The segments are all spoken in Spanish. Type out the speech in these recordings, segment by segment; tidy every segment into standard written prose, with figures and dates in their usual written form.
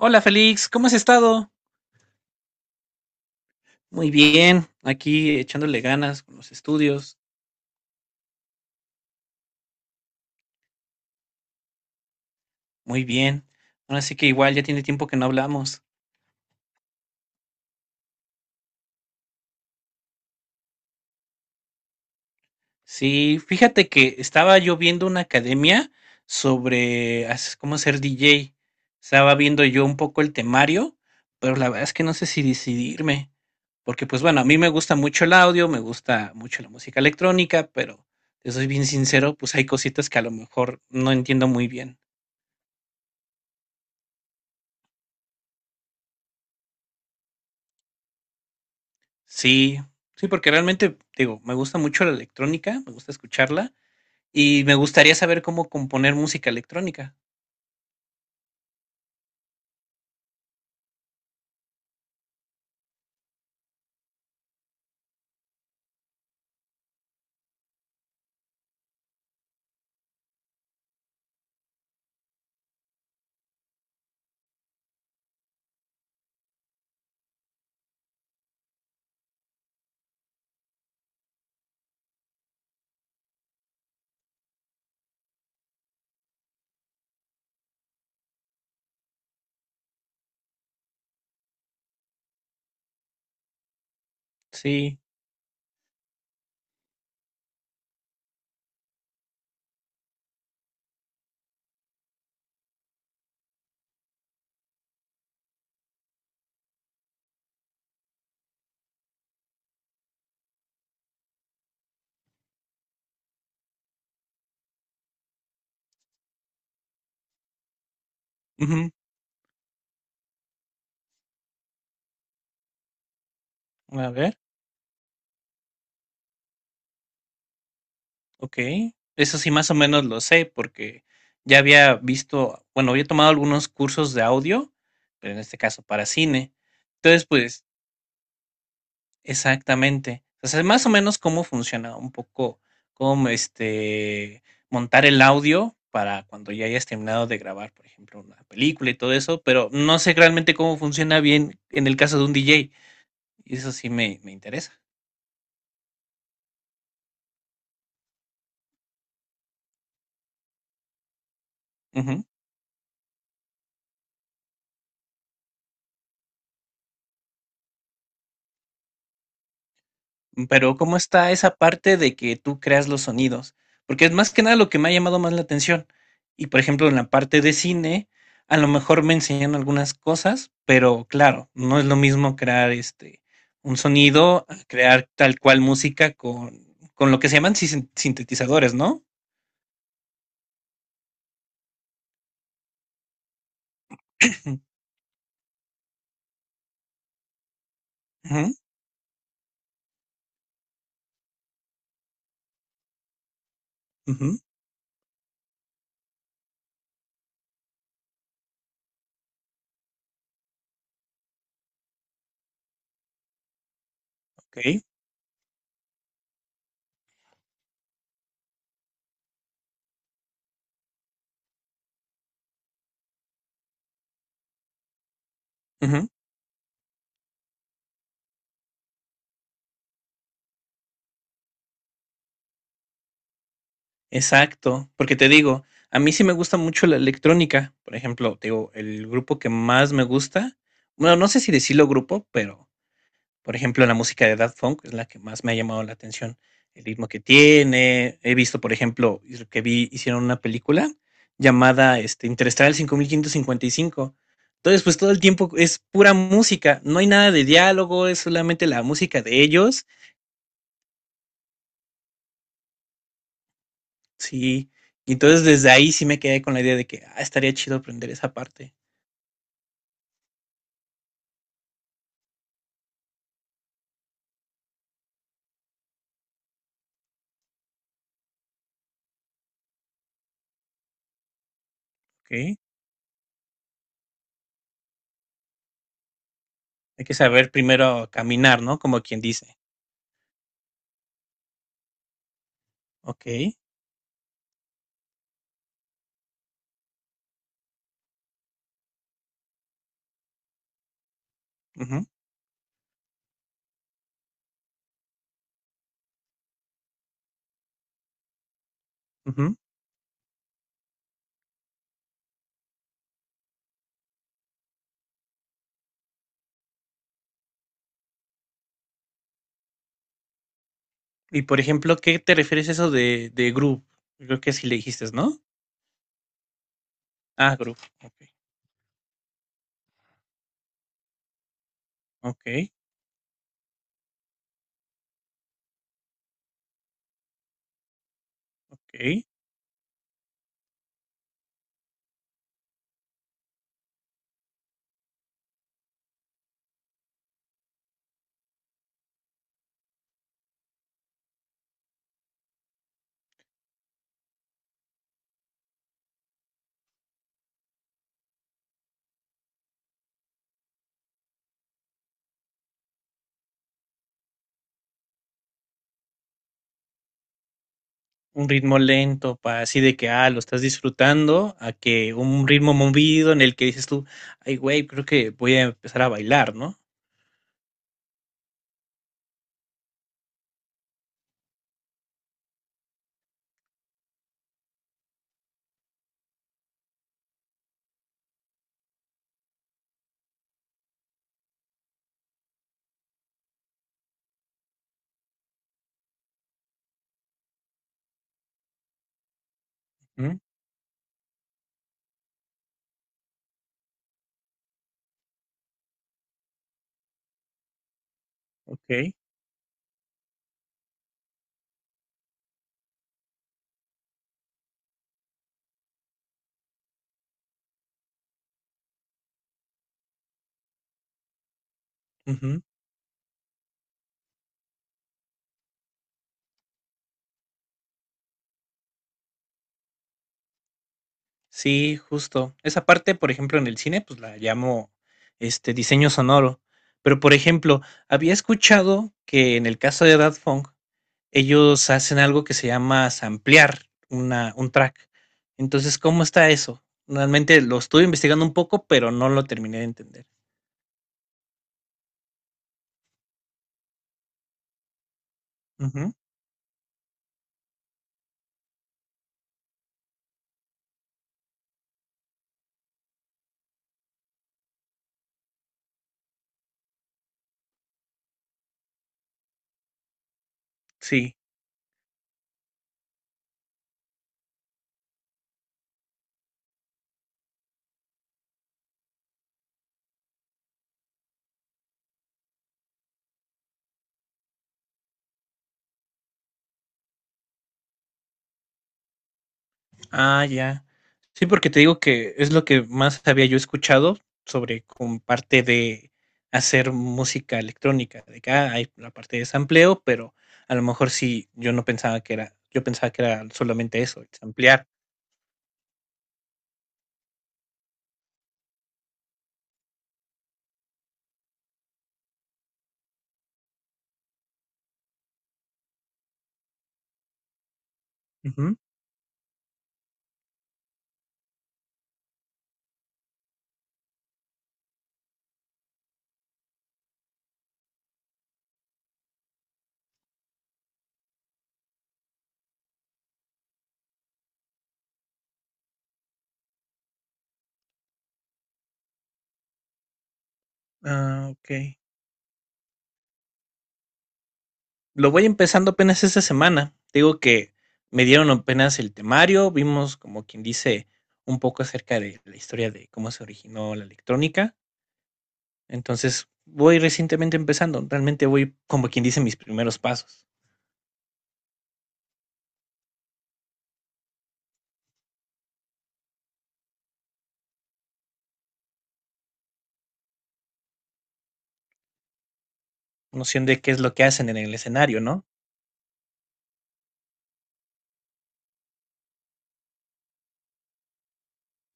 Hola Félix, ¿cómo has estado? Muy bien, aquí echándole ganas con los estudios, muy bien. Ahora sí que igual ya tiene tiempo que no hablamos. Sí, fíjate que estaba yo viendo una academia sobre cómo ser DJ. Estaba viendo yo un poco el temario, pero la verdad es que no sé si decidirme, porque pues bueno, a mí me gusta mucho el audio, me gusta mucho la música electrónica, pero te soy bien sincero, pues hay cositas que a lo mejor no entiendo muy bien. Sí, sí, porque realmente, digo, me gusta mucho la electrónica, me gusta escucharla y me gustaría saber cómo componer música electrónica. Sí. Ujú. A ver, ok. Eso sí, más o menos lo sé porque ya había visto, bueno, había tomado algunos cursos de audio, pero en este caso para cine. Entonces, pues. Exactamente. O sea, más o menos cómo funciona un poco, cómo montar el audio para cuando ya hayas terminado de grabar, por ejemplo, una película y todo eso, pero no sé realmente cómo funciona bien en el caso de un DJ. Y eso sí me interesa. Pero, ¿cómo está esa parte de que tú creas los sonidos? Porque es más que nada lo que me ha llamado más la atención. Y por ejemplo, en la parte de cine, a lo mejor me enseñan algunas cosas, pero claro, no es lo mismo crear un sonido, a crear tal cual música con, lo que se llaman sintetizadores, ¿no? Ujú, ujú, ok, ujú. Exacto, porque te digo, a mí sí me gusta mucho la electrónica. Por ejemplo, te digo, el grupo que más me gusta, bueno, no sé si decirlo grupo, pero por ejemplo, la música de Daft Punk es la que más me ha llamado la atención. El ritmo que tiene. He visto, por ejemplo, que vi, hicieron una película llamada Interestelar cinco mil quinientos cincuenta y cinco. Entonces, pues todo el tiempo es pura música, no hay nada de diálogo, es solamente la música de ellos. Sí, y entonces desde ahí sí me quedé con la idea de que, ah, estaría chido aprender esa parte, ¿ok? Hay que saber primero caminar, ¿no? Como quien dice, ¿ok? Ujú, ujú. Y por ejemplo, ¿qué te refieres a eso de groove? Creo que sí le dijiste, ¿no? Ah, groove, ok, ok, ok. Un ritmo lento, para así de que, ah, lo estás disfrutando, a que un ritmo movido en el que dices tú, ay, güey, creo que voy a empezar a bailar, ¿no? Ujú, ok, ujú. Sí, justo. Esa parte, por ejemplo, en el cine, pues la llamo diseño sonoro. Pero, por ejemplo, había escuchado que en el caso de Daft Punk, ellos hacen algo que se llama samplear una, un track. Entonces, ¿cómo está eso? Realmente lo estuve investigando un poco, pero no lo terminé de entender. Ujú, sí. Ah, ya. Sí, porque te digo que es lo que más había yo escuchado sobre con parte de hacer música electrónica. De acá hay la parte de sampleo, pero a lo mejor sí, yo no pensaba que era, yo pensaba que era solamente eso, samplear. Ujú. Ah, ok. Lo voy empezando apenas esta semana. Te digo que me dieron apenas el temario, vimos como quien dice un poco acerca de la historia de cómo se originó la electrónica. Entonces, voy recientemente empezando, realmente voy como quien dice mis primeros pasos, noción de qué es lo que hacen en el escenario, ¿no?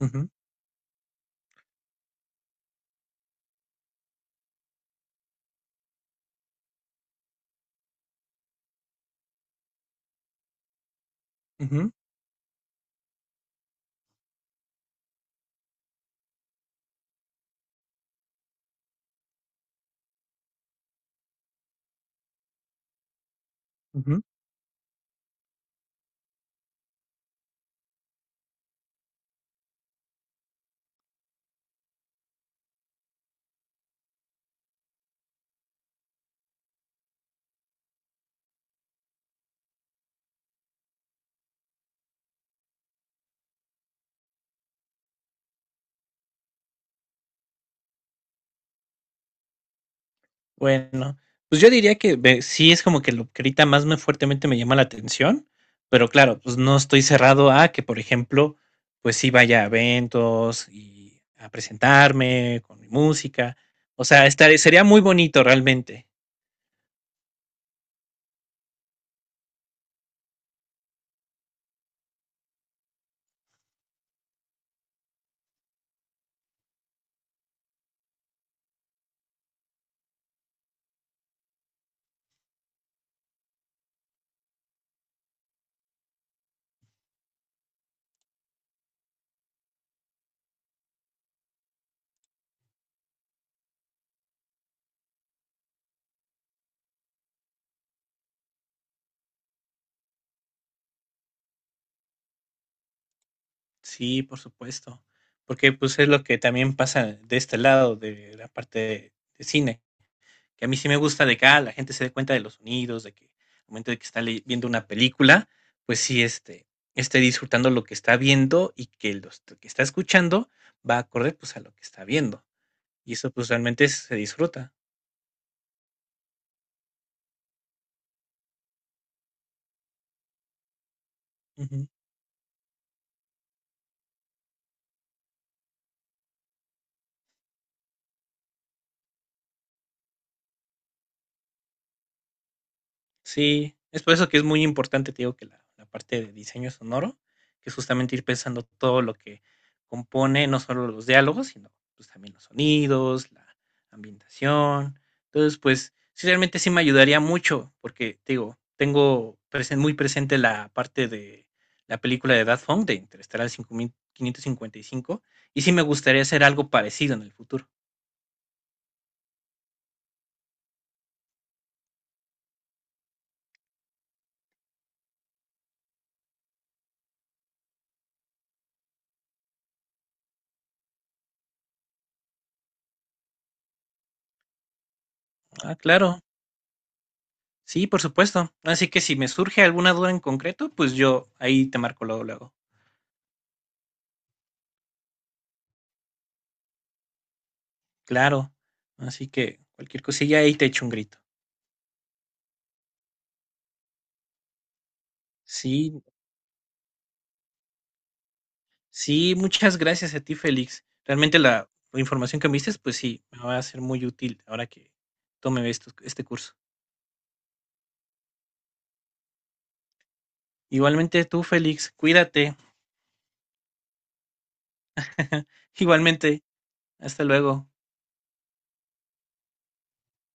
Ujú, ujú, ujú. Bueno, pues yo diría que ve sí es como que lo que ahorita más me fuertemente me llama la atención, pero claro, pues no estoy cerrado a que, por ejemplo, pues sí vaya a eventos y a presentarme con mi música. O sea, estaría sería muy bonito realmente. Sí, por supuesto, porque, pues, es lo que también pasa de este lado de la parte de cine, que a mí sí me gusta de que, ah, la gente se dé cuenta de los sonidos, de que al momento de que está ley viendo una película, pues sí, esté disfrutando lo que está viendo y que los que está escuchando va acorde, pues, a lo que está viendo, y eso, pues, realmente se disfruta. Sí, es por eso que es muy importante, te digo, que la parte de diseño sonoro, que es justamente ir pensando todo lo que compone, no solo los diálogos, sino pues también los sonidos, la ambientación. Entonces, pues sí, realmente sí me ayudaría mucho, porque te digo, tengo muy presente la parte de la película de Daft Punk, de Interestelar 5555, y cinco, y sí me gustaría hacer algo parecido en el futuro. Ah, claro. Sí, por supuesto. Así que si me surge alguna duda en concreto, pues yo ahí te marco luego, luego. Claro. Así que cualquier cosilla ahí te echo un grito. Sí, sí, muchas gracias a ti, Félix. Realmente la, información que me diste, pues sí, me va a ser muy útil ahora que tome este curso. Igualmente tú, Félix, cuídate. Igualmente, hasta luego.